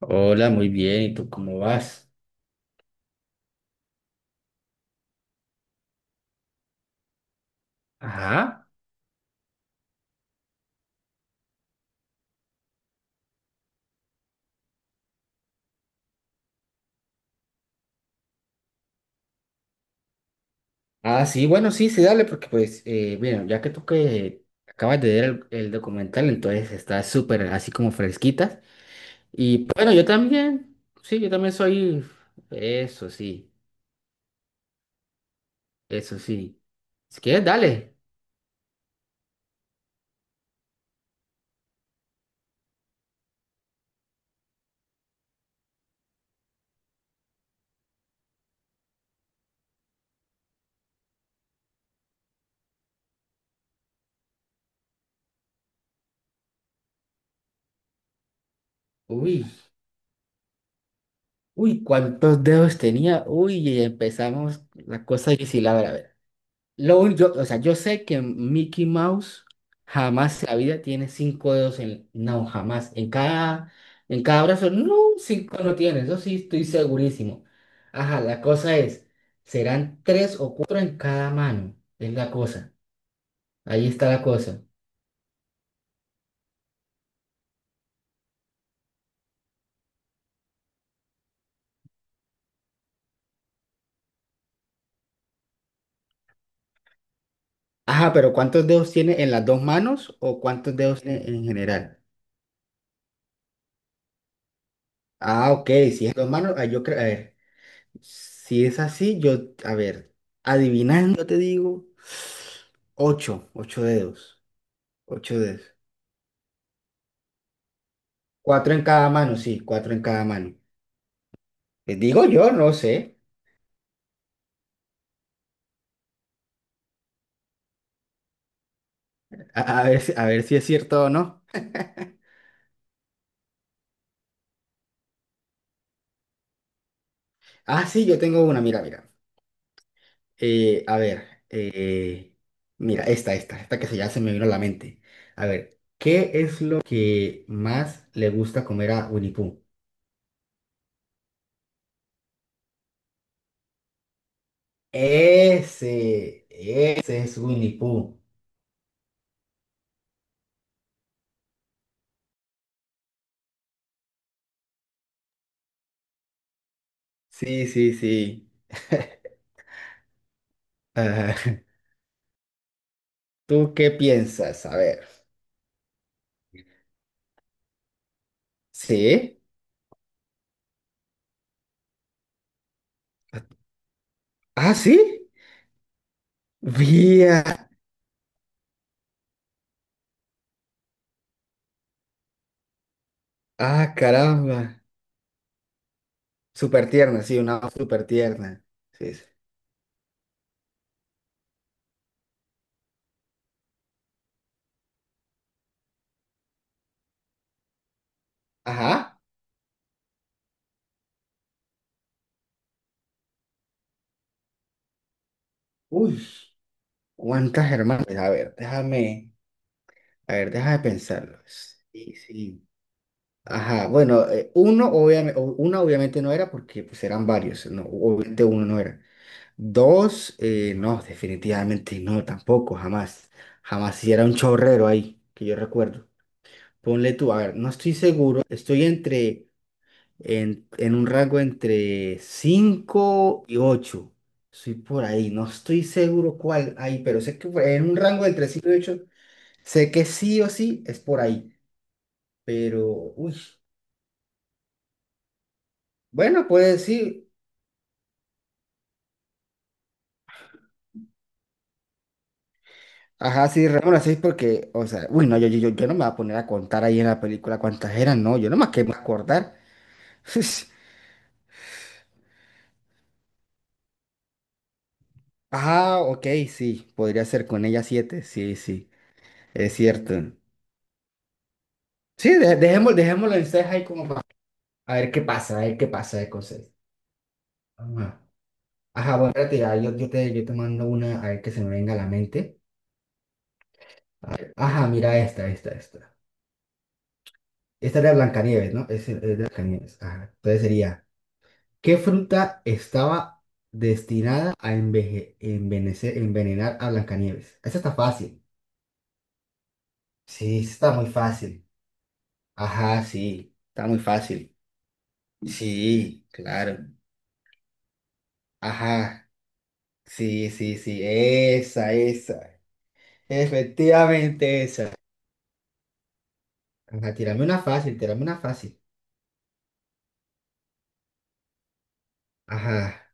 Hola, muy bien. ¿Y tú cómo vas? Ajá. Ah, sí, bueno, sí, sí, dale, porque pues, bueno, ya que tú que acabas de ver el documental, entonces está súper así como fresquita. Y bueno, yo también, sí, yo también soy, eso sí, eso sí. Si quieres, dale. Uy, uy, ¿cuántos dedos tenía? Uy, y empezamos la cosa difícil, a ver, a ver. Yo, o sea, yo sé que Mickey Mouse jamás en la vida tiene cinco dedos en... No, jamás. En cada brazo, no, cinco no tiene. Eso sí estoy segurísimo. Ajá, la cosa es, serán tres o cuatro en cada mano. Es la cosa. Ahí está la cosa. Ajá, pero ¿cuántos dedos tiene en las dos manos o cuántos dedos tiene en general? Ah, ok, si es dos manos, ah, yo creo, a ver. Si es así, yo, a ver, adivinando te digo, ocho, ocho dedos, ocho dedos. Cuatro en cada mano, sí, cuatro en cada mano. Les digo yo, no sé. A ver, a ver si es cierto o no. Ah, sí, yo tengo una, mira, mira. A ver, mira, esta que se ya se me vino a la mente. A ver, ¿qué es lo que más le gusta comer a Winnie Pooh? Ese es Winnie Pooh. Sí, sí, sí. Ah, ¿tú qué piensas? A ver. ¿Sí? ¿Ah, sí? Vía. Ah, caramba. Súper tierna, sí, una voz súper tierna. Sí, sí. Ajá. Uy, cuántas hermanas. Pues, a ver, déjame, a ver, déjame pensarlo. Sí, sí. Ajá, bueno, uno obviamente, una obviamente no era porque pues eran varios, no, obviamente uno no era. Dos, no, definitivamente no, tampoco, jamás. Jamás, si era un chorrero ahí, que yo recuerdo. Ponle tú, a ver, no estoy seguro, estoy entre, en un rango entre 5 y ocho. Soy por ahí, no estoy seguro cuál hay, pero sé que fue en un rango entre 5 y ocho. Sé que sí o sí es por ahí. Pero, uy, bueno, pues sí. Ajá, sí, Ramón, las seis porque, o sea, uy, no, yo, yo no me voy a poner a contar ahí en la película cuántas eran, no, yo nomás que me acordar. Ajá, ok, sí, podría ser con ella siete, sí, sí, es cierto. Sí, dejémoslo en seis ahí como para, a ver qué pasa, a ver qué pasa de cosas. Ajá. Ajá, bueno, espérate, ya, yo, yo te mando una, a ver que se me venga a la mente. Ajá, mira esta. Esta era de Blancanieves, ¿no? Es de Blancanieves, ajá. Entonces sería... ¿Qué fruta estaba destinada a envenenar a Blancanieves? Esa está fácil. Sí, esa está muy fácil. Ajá, sí, está muy fácil. Sí, claro. Ajá, sí, sí, sí, esa, esa. Efectivamente esa. Ajá, tírame una fácil, tírame una fácil. Ajá,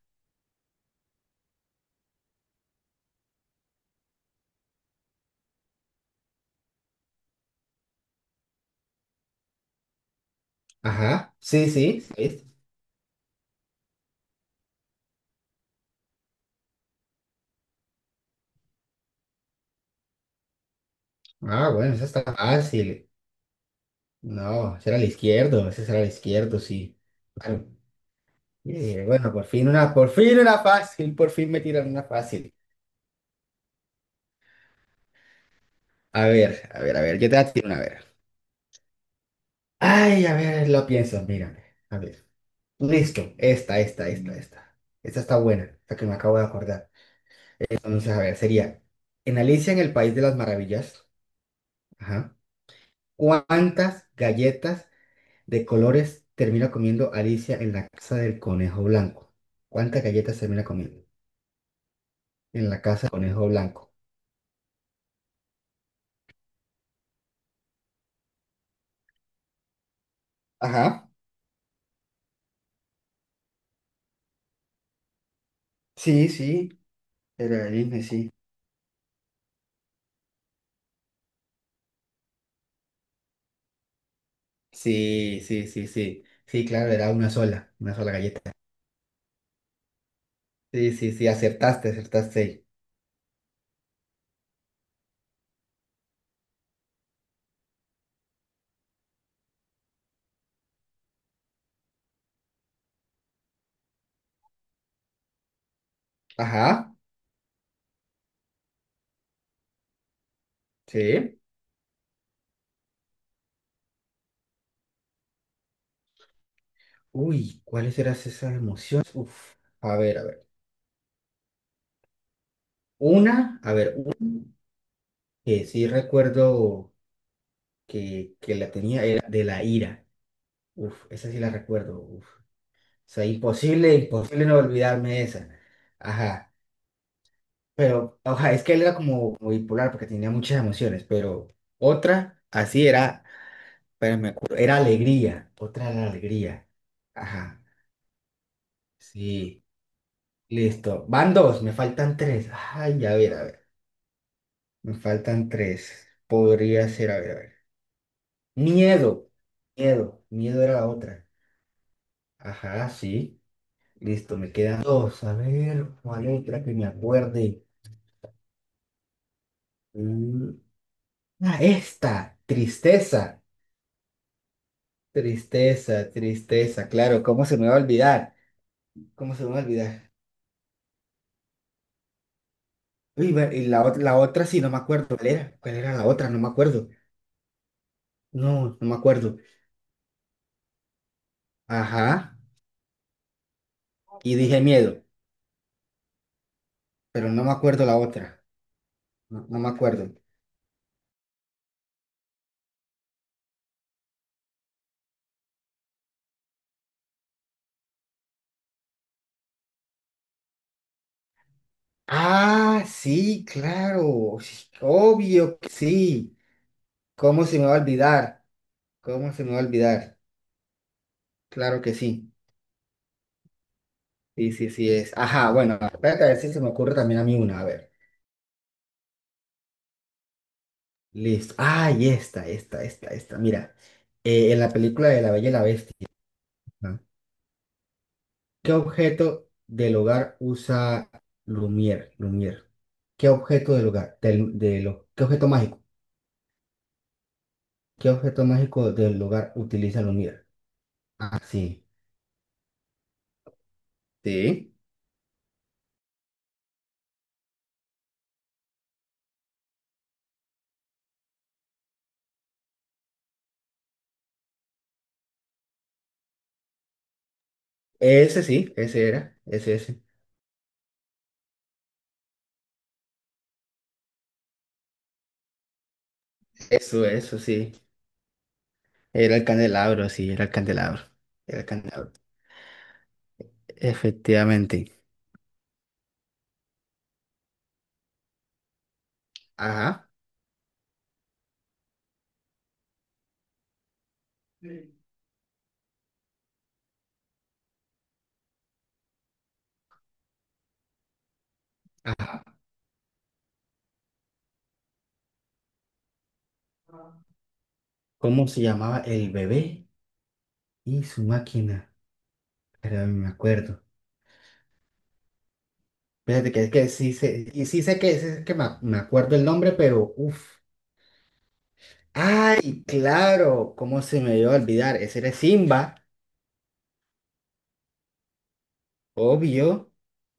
ajá, sí, sí, sí. Ah, bueno, esa está fácil. No, ese era el izquierdo, ese era el izquierdo, sí. Claro, yo dije, bueno, por fin una fácil, por fin me tiran una fácil. A ver, a ver, a ver, yo te voy a tirar una, a ver. Ay, a ver, lo pienso, mírame. A ver. Listo, esta. Esta está buena, la que me acabo de acordar. Entonces, a ver, sería, en Alicia en el País de las Maravillas, ajá, ¿cuántas galletas de colores termina comiendo Alicia en la casa del conejo blanco? ¿Cuántas galletas termina comiendo en la casa del conejo blanco? Ajá, sí, sí, era de Disney, sí. Sí, sí, sí, sí. Sí, claro, era una sola galleta. Sí, sí, sí, acertaste, acertaste ahí. Ajá, sí. Uy, ¿cuáles eran esas emociones? Uf, a ver, a ver. Una, a ver, una que sí recuerdo que la tenía era de la ira. Uf, esa sí la recuerdo. Uf. O sea, imposible, imposible no olvidarme de esa. Ajá. Pero, oja, es que él era como bipolar porque tenía muchas emociones, pero otra, así era. Pero me acuerdo, era alegría, otra era alegría. Ajá, sí, listo. Van dos, me faltan tres. Ay, a ver, a ver. Me faltan tres. Podría ser, a ver, a ver. Miedo, miedo, miedo era la otra. Ajá, sí. Listo, me quedan dos. A ver, ¿cuál otra que me acuerde? Mm, Ah, esta, tristeza, tristeza, tristeza. Claro, ¿cómo se me va a olvidar? ¿Cómo se me va a olvidar? Uy, y la otra sí, no me acuerdo. ¿Cuál era? ¿Cuál era la otra? No me acuerdo. No, no me acuerdo. Ajá. Y dije miedo, pero no me acuerdo la otra. No, no me acuerdo. Ah, sí, claro. Sí, obvio que sí. ¿Cómo se me va a olvidar? ¿Cómo se me va a olvidar? Claro que sí. Sí, sí, sí es. Ajá, bueno, espérate a ver si se me ocurre también a mí una. A ver. Listo. Ah, y esta. Mira, en la película de La Bella y la Bestia. ¿No? ¿Qué objeto del hogar usa Lumière? Lumière. ¿Qué objeto del hogar? ¿Qué objeto mágico? ¿Qué objeto mágico del hogar utiliza Lumière? Ah, sí. Sí. Ese sí, ese era. Ese, ese. Eso sí. Era el candelabro, sí, era el candelabro. Era el candelabro. Efectivamente. Ajá. Ajá. ¿Cómo se llamaba el bebé y su máquina? Pero me acuerdo. Fíjate que sí sé, y sí sé que me acuerdo el nombre, pero uff. Ay, claro, ¿cómo se me iba a olvidar? Ese era Simba, obvio.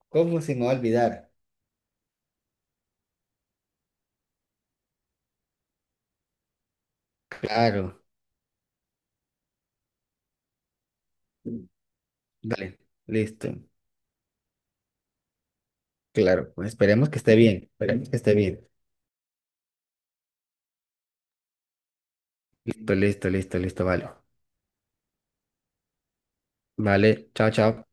¿Cómo se me va a olvidar? Claro. Dale, listo. Claro, pues esperemos que esté bien. Esperemos que esté bien. Listo, listo, listo, listo, vale. Vale, chao, chao.